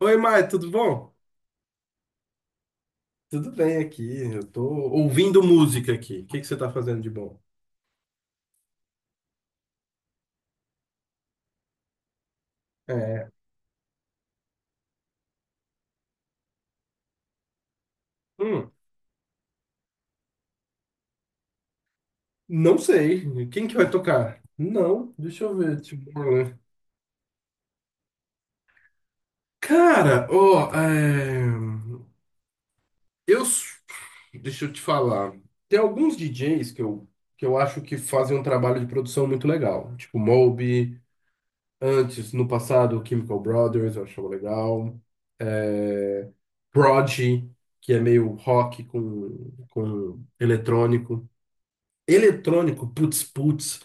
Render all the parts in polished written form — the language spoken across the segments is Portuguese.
Oi, Mai, tudo bom? Tudo bem aqui. Eu tô ouvindo música aqui. O que que você tá fazendo de bom? É. hum, não sei. Quem que vai tocar? Não, deixa eu ver. Tipo, né? Cara, ó, eu, s- deixa eu te falar. Tem alguns DJs que eu acho que fazem um trabalho de produção muito legal, tipo Moby. Antes, no passado, Chemical Brothers, eu achava legal. É, Prodigy, que é meio rock com eletrônico. Eletrônico, putz, putz,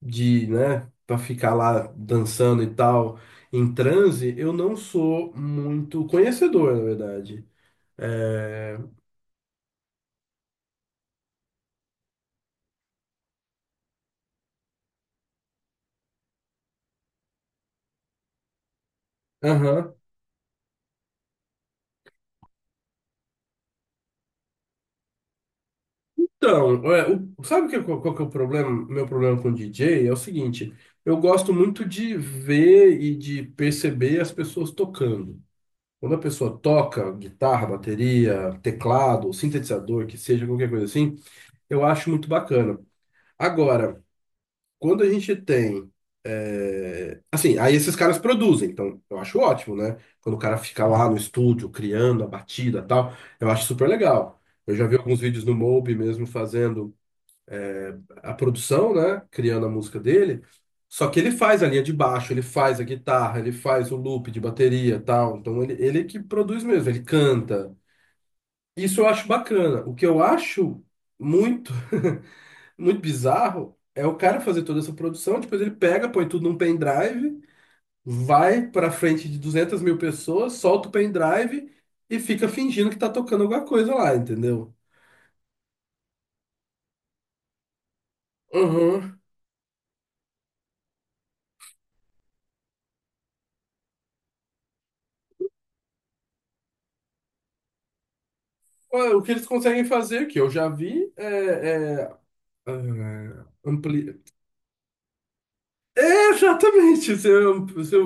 de, né, pra ficar lá dançando e tal, em transe, eu não sou muito conhecedor, na verdade. É. Aham. Então, sabe que, qual que é o problema, meu problema com DJ? É o seguinte, eu gosto muito de ver e de perceber as pessoas tocando. Quando a pessoa toca guitarra, bateria, teclado, sintetizador, que seja, qualquer coisa assim, eu acho muito bacana. Agora, quando a gente tem. Assim, aí esses caras produzem, então eu acho ótimo, né? Quando o cara fica lá no estúdio criando a batida e tal, eu acho super legal. Eu já vi alguns vídeos no Mob mesmo fazendo a produção, né? Criando a música dele. Só que ele faz a linha de baixo, ele faz a guitarra, ele faz o loop de bateria, e tal. Então ele que produz mesmo, ele canta. Isso eu acho bacana. O que eu acho muito, muito bizarro é o cara fazer toda essa produção, depois ele pega, põe tudo num pendrive, vai pra frente de 200 mil pessoas, solta o pendrive e fica fingindo que tá tocando alguma coisa lá, entendeu? Uhum. Ué, o que eles conseguem fazer, que eu já vi, é Ah, ampli... É, exatamente. Você...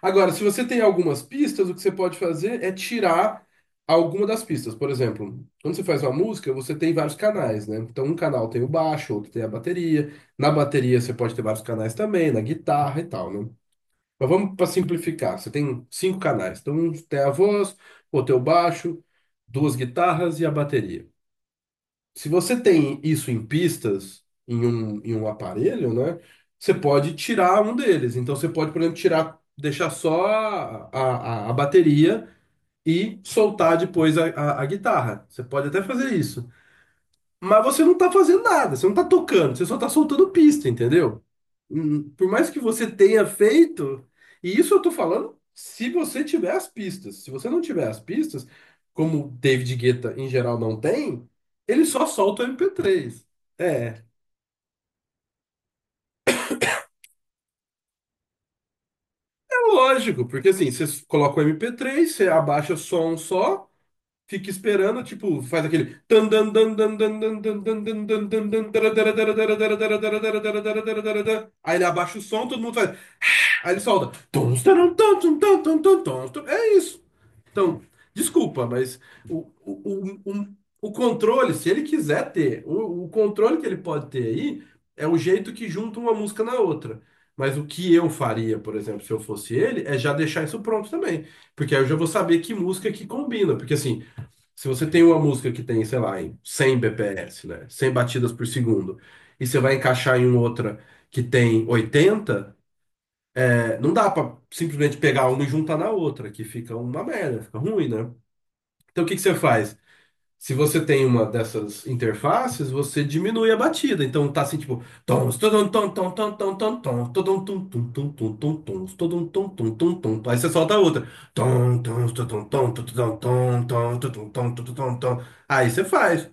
Agora, se você tem algumas pistas, o que você pode fazer é tirar alguma das pistas. Por exemplo, quando você faz uma música, você tem vários canais, né? Então, um canal tem o baixo, outro tem a bateria. Na bateria, você pode ter vários canais também, na guitarra e tal, né? Mas vamos para simplificar. Você tem cinco canais. Então, um tem a voz, outro tem o baixo, duas guitarras e a bateria. Se você tem isso em pistas, em um aparelho, né? Você pode tirar um deles. Então você pode, por exemplo, tirar, deixar só bateria e soltar depois a guitarra. Você pode até fazer isso. Aí ele solta. "Tons, taram, tons, tum, tum, tum, tum, tons, tum." É isso. Então, desculpa, mas o, o, o, o, o controle, se ele quiser ter, o controle que ele pode ter aí é o jeito que junta uma música na outra. Mas o que eu faria, por exemplo, se eu fosse ele, é já deixar isso pronto também. Porque aí eu já vou saber que música que combina. Porque assim, se você tem uma música que tem, sei lá, em 100 BPS, né? 100 batidas por segundo, e você vai encaixar em outra que tem oitenta, não dá pra simplesmente pegar uma e juntar na outra, que fica uma merda, fica ruim, né? Então o que que você faz? Se você tem uma dessas interfaces, você diminui a batida. Então tá assim, tipo, tom, todum, tom, tom, tom, tom, tom, tom, todum, tum, tum, tum, tum, tum, tum, todum, tum, tum, tum, tum, tum. Aí você solta a outra. Tom, tom, todum, tom, todum, tom, tom, tom, todum, tom, todum, tom, todum, tom. Aí você faz.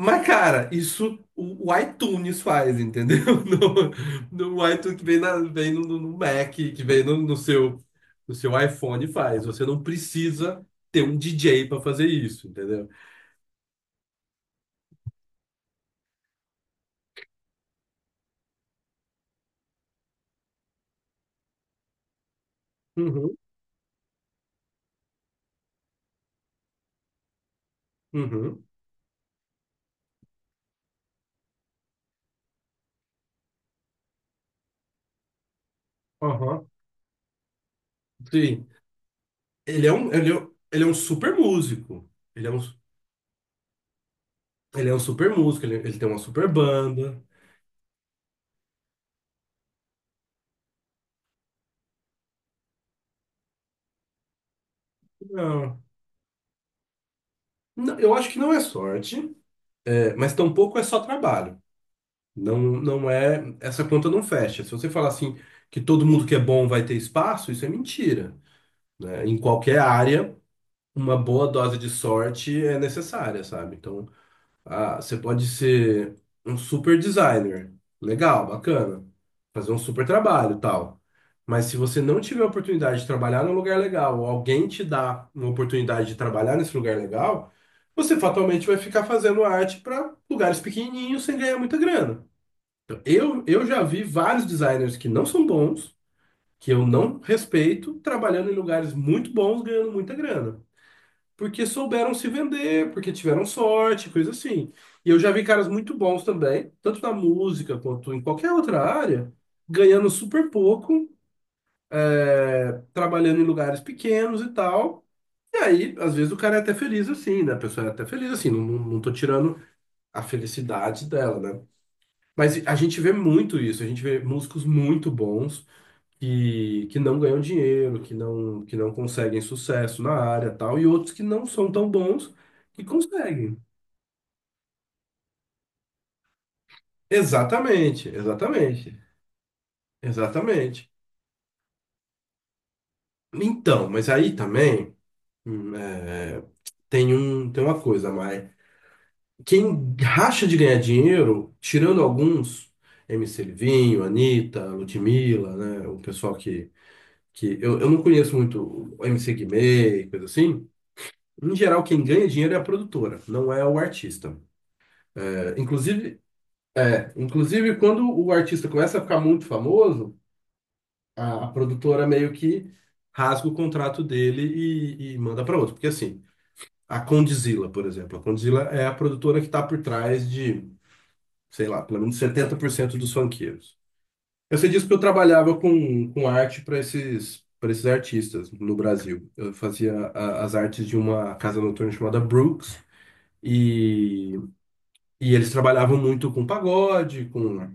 Mas, cara, isso o iTunes faz, entendeu? No iTunes que vem no Mac, que vem no seu iPhone faz. Você não precisa ter um DJ para fazer isso, entendeu? Uhum, uhum, aham. Sim. Ele é um super músico. Ele é um, ele é um super músico, ele tem uma super banda. Não, não, eu acho que não é sorte, mas tampouco é só trabalho. Não, não é, essa conta não fecha. Se você falar assim que todo mundo que é bom vai ter espaço, isso é mentira, né? Em qualquer área, uma boa dose de sorte é necessária, sabe? Então, ah, você pode ser um super designer, legal, bacana, fazer um super trabalho, tal. Mas se você não tiver a oportunidade de trabalhar num lugar legal, ou alguém te dá uma oportunidade de trabalhar nesse lugar legal, você fatalmente vai ficar fazendo arte para lugares pequenininhos sem ganhar muita grana. Eu já vi vários designers que não são bons, que eu não respeito, trabalhando em lugares muito bons, ganhando muita grana. Porque souberam se vender, porque tiveram sorte, coisa assim. E eu já vi caras muito bons também, tanto na música quanto em qualquer outra área, ganhando super pouco, trabalhando em lugares pequenos e tal. E aí, às vezes, o cara é até feliz assim, né? A pessoa é até feliz assim, não, não não tô tirando a felicidade dela, né? Mas a gente vê muito isso, a gente vê músicos muito bons que não ganham dinheiro, que não conseguem sucesso na área tal, e outros que não são tão bons que conseguem. Exatamente, exatamente, exatamente. Então, mas aí também hum, é, tem uma coisa, mas quem racha de ganhar dinheiro, tirando alguns, MC Livinho, Anitta, Ludmilla, né, o pessoal que eu não conheço muito o MC Guimê e coisa assim. Em geral, quem ganha dinheiro é a produtora, não é o artista. É, inclusive, é, inclusive, quando o artista começa a ficar muito famoso, a produtora meio que rasga o contrato dele e manda para outro. Porque assim, a Condzilla, por exemplo, a Condzilla é a produtora que está por trás de, sei lá, pelo menos 70% dos funkeiros. Eu sei disso porque eu trabalhava com arte para esses artistas no Brasil. Eu fazia as artes de uma casa noturna chamada Brooks, e, e eles trabalhavam muito com pagode, com,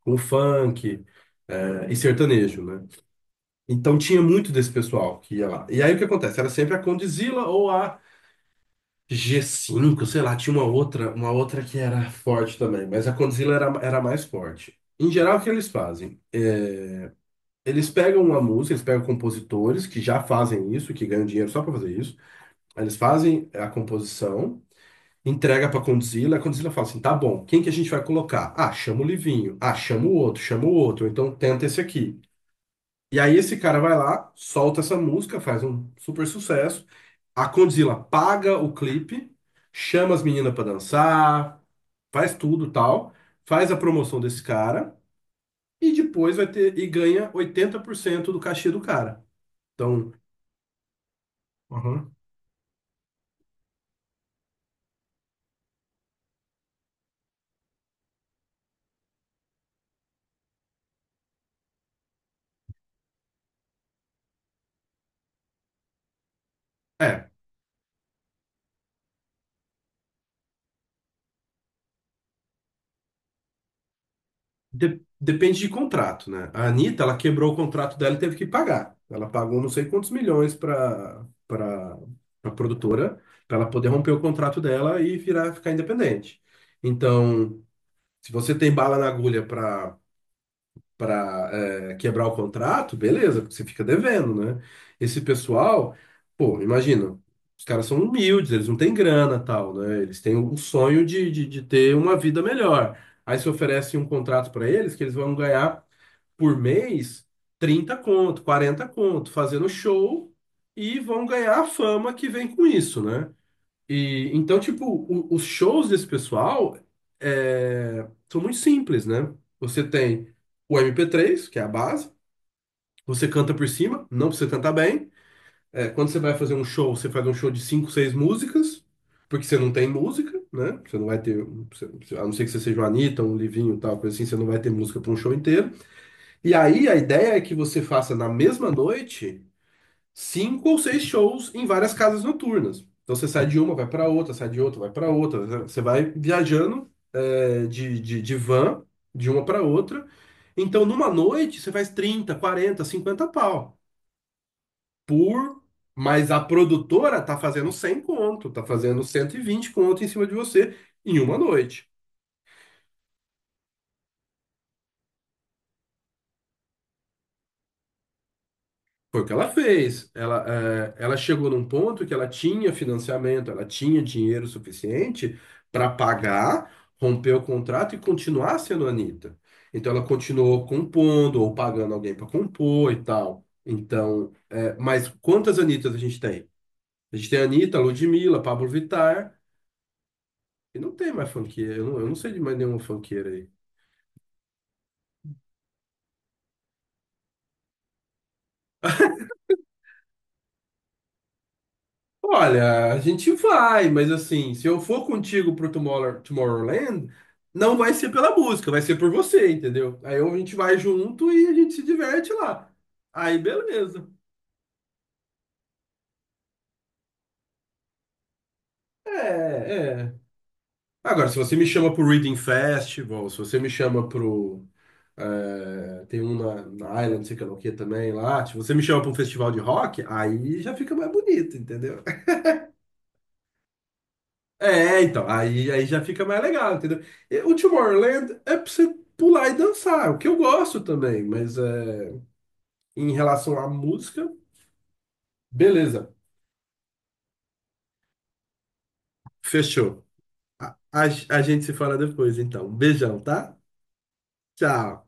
com funk, e sertanejo, né? Então tinha muito desse pessoal que ia lá. E aí o que acontece? Era sempre a Condzilla ou a G5, sei lá, tinha uma outra que era forte também, mas a Condzilla era a mais forte. Em geral, o que eles fazem? Eles pegam uma música, eles pegam compositores que já fazem isso, que ganham dinheiro só pra fazer isso. Aí eles fazem a composição, entrega pra Condzilla, a Condzilla fala assim: tá bom, quem que a gente vai colocar? Ah, chama o Livinho. Ah, chama o outro, chama o outro. Então tenta esse aqui. E aí esse cara vai lá, solta essa música, faz um super sucesso. A Condzilla paga o clipe, chama as meninas pra dançar, faz tudo tal, faz a promoção desse cara e depois vai ter e ganha 80% do cachê do cara. Então, aham. É, depende de contrato, né? A Anitta, ela quebrou o contrato dela e teve que pagar. Ela pagou não sei quantos milhões para a produtora, para ela poder romper o contrato dela e virar ficar independente. Então, se você tem bala na agulha para quebrar o contrato, beleza, porque você fica devendo, né? Esse pessoal, pô, imagina, os caras são humildes, eles não têm grana, tal, né? Eles têm o sonho de ter uma vida melhor. Aí você oferece um contrato para eles que eles vão ganhar por mês 30 conto, 40 conto, fazendo show e vão ganhar a fama que vem com isso, né? E então, tipo, os shows desse pessoal são muito simples, né? Você tem o MP3, que é a base, você canta por cima, não precisa cantar bem. É, quando você vai fazer um show, você faz um show de cinco, seis músicas, porque você não tem música, né? Você não vai ter, a não ser que você seja um Anitta, um Livinho, tal, coisa assim, você não vai ter música para um show inteiro. E aí a ideia é que você faça na mesma noite cinco ou seis shows em várias casas noturnas. Então você sai de uma, vai para outra, sai de outra, vai para outra, né? Você vai viajando de van de uma para outra. Então numa noite você faz 30, 40, 50 pau por. Mas a produtora tá fazendo 100 conto, tá fazendo 120 conto em cima de você em uma noite. Foi o que ela fez. Ela chegou num ponto que ela tinha financiamento, ela tinha dinheiro suficiente para pagar, romper o contrato e continuar sendo a Anitta. Então ela continuou compondo ou pagando alguém para compor e tal. Então, mas quantas Anitas a gente tem? A gente tem a Anitta, a Ludmilla, Pablo Vittar, e não tem mais funkeira. Eu não sei de mais nenhuma funkeira aí. Olha, a gente vai, mas assim, se eu for contigo pro Tomorrowland, não vai ser pela música, vai ser por você, entendeu? Aí a gente vai junto e a gente se diverte lá. Aí beleza. É, é. Agora, se você me chama pro Reading Festival, se você me chama pro. Tem um na Island, não sei que lá o que também lá. Se você me chama pra um festival de rock, aí já fica mais bonito, entendeu? É, então, aí já fica mais legal, entendeu? E o Tomorrowland é pra você pular e dançar, é o que eu gosto também, mas em relação à música, beleza, fechou. a, a a gente se fala depois, então. Um beijão, tá? Tchau.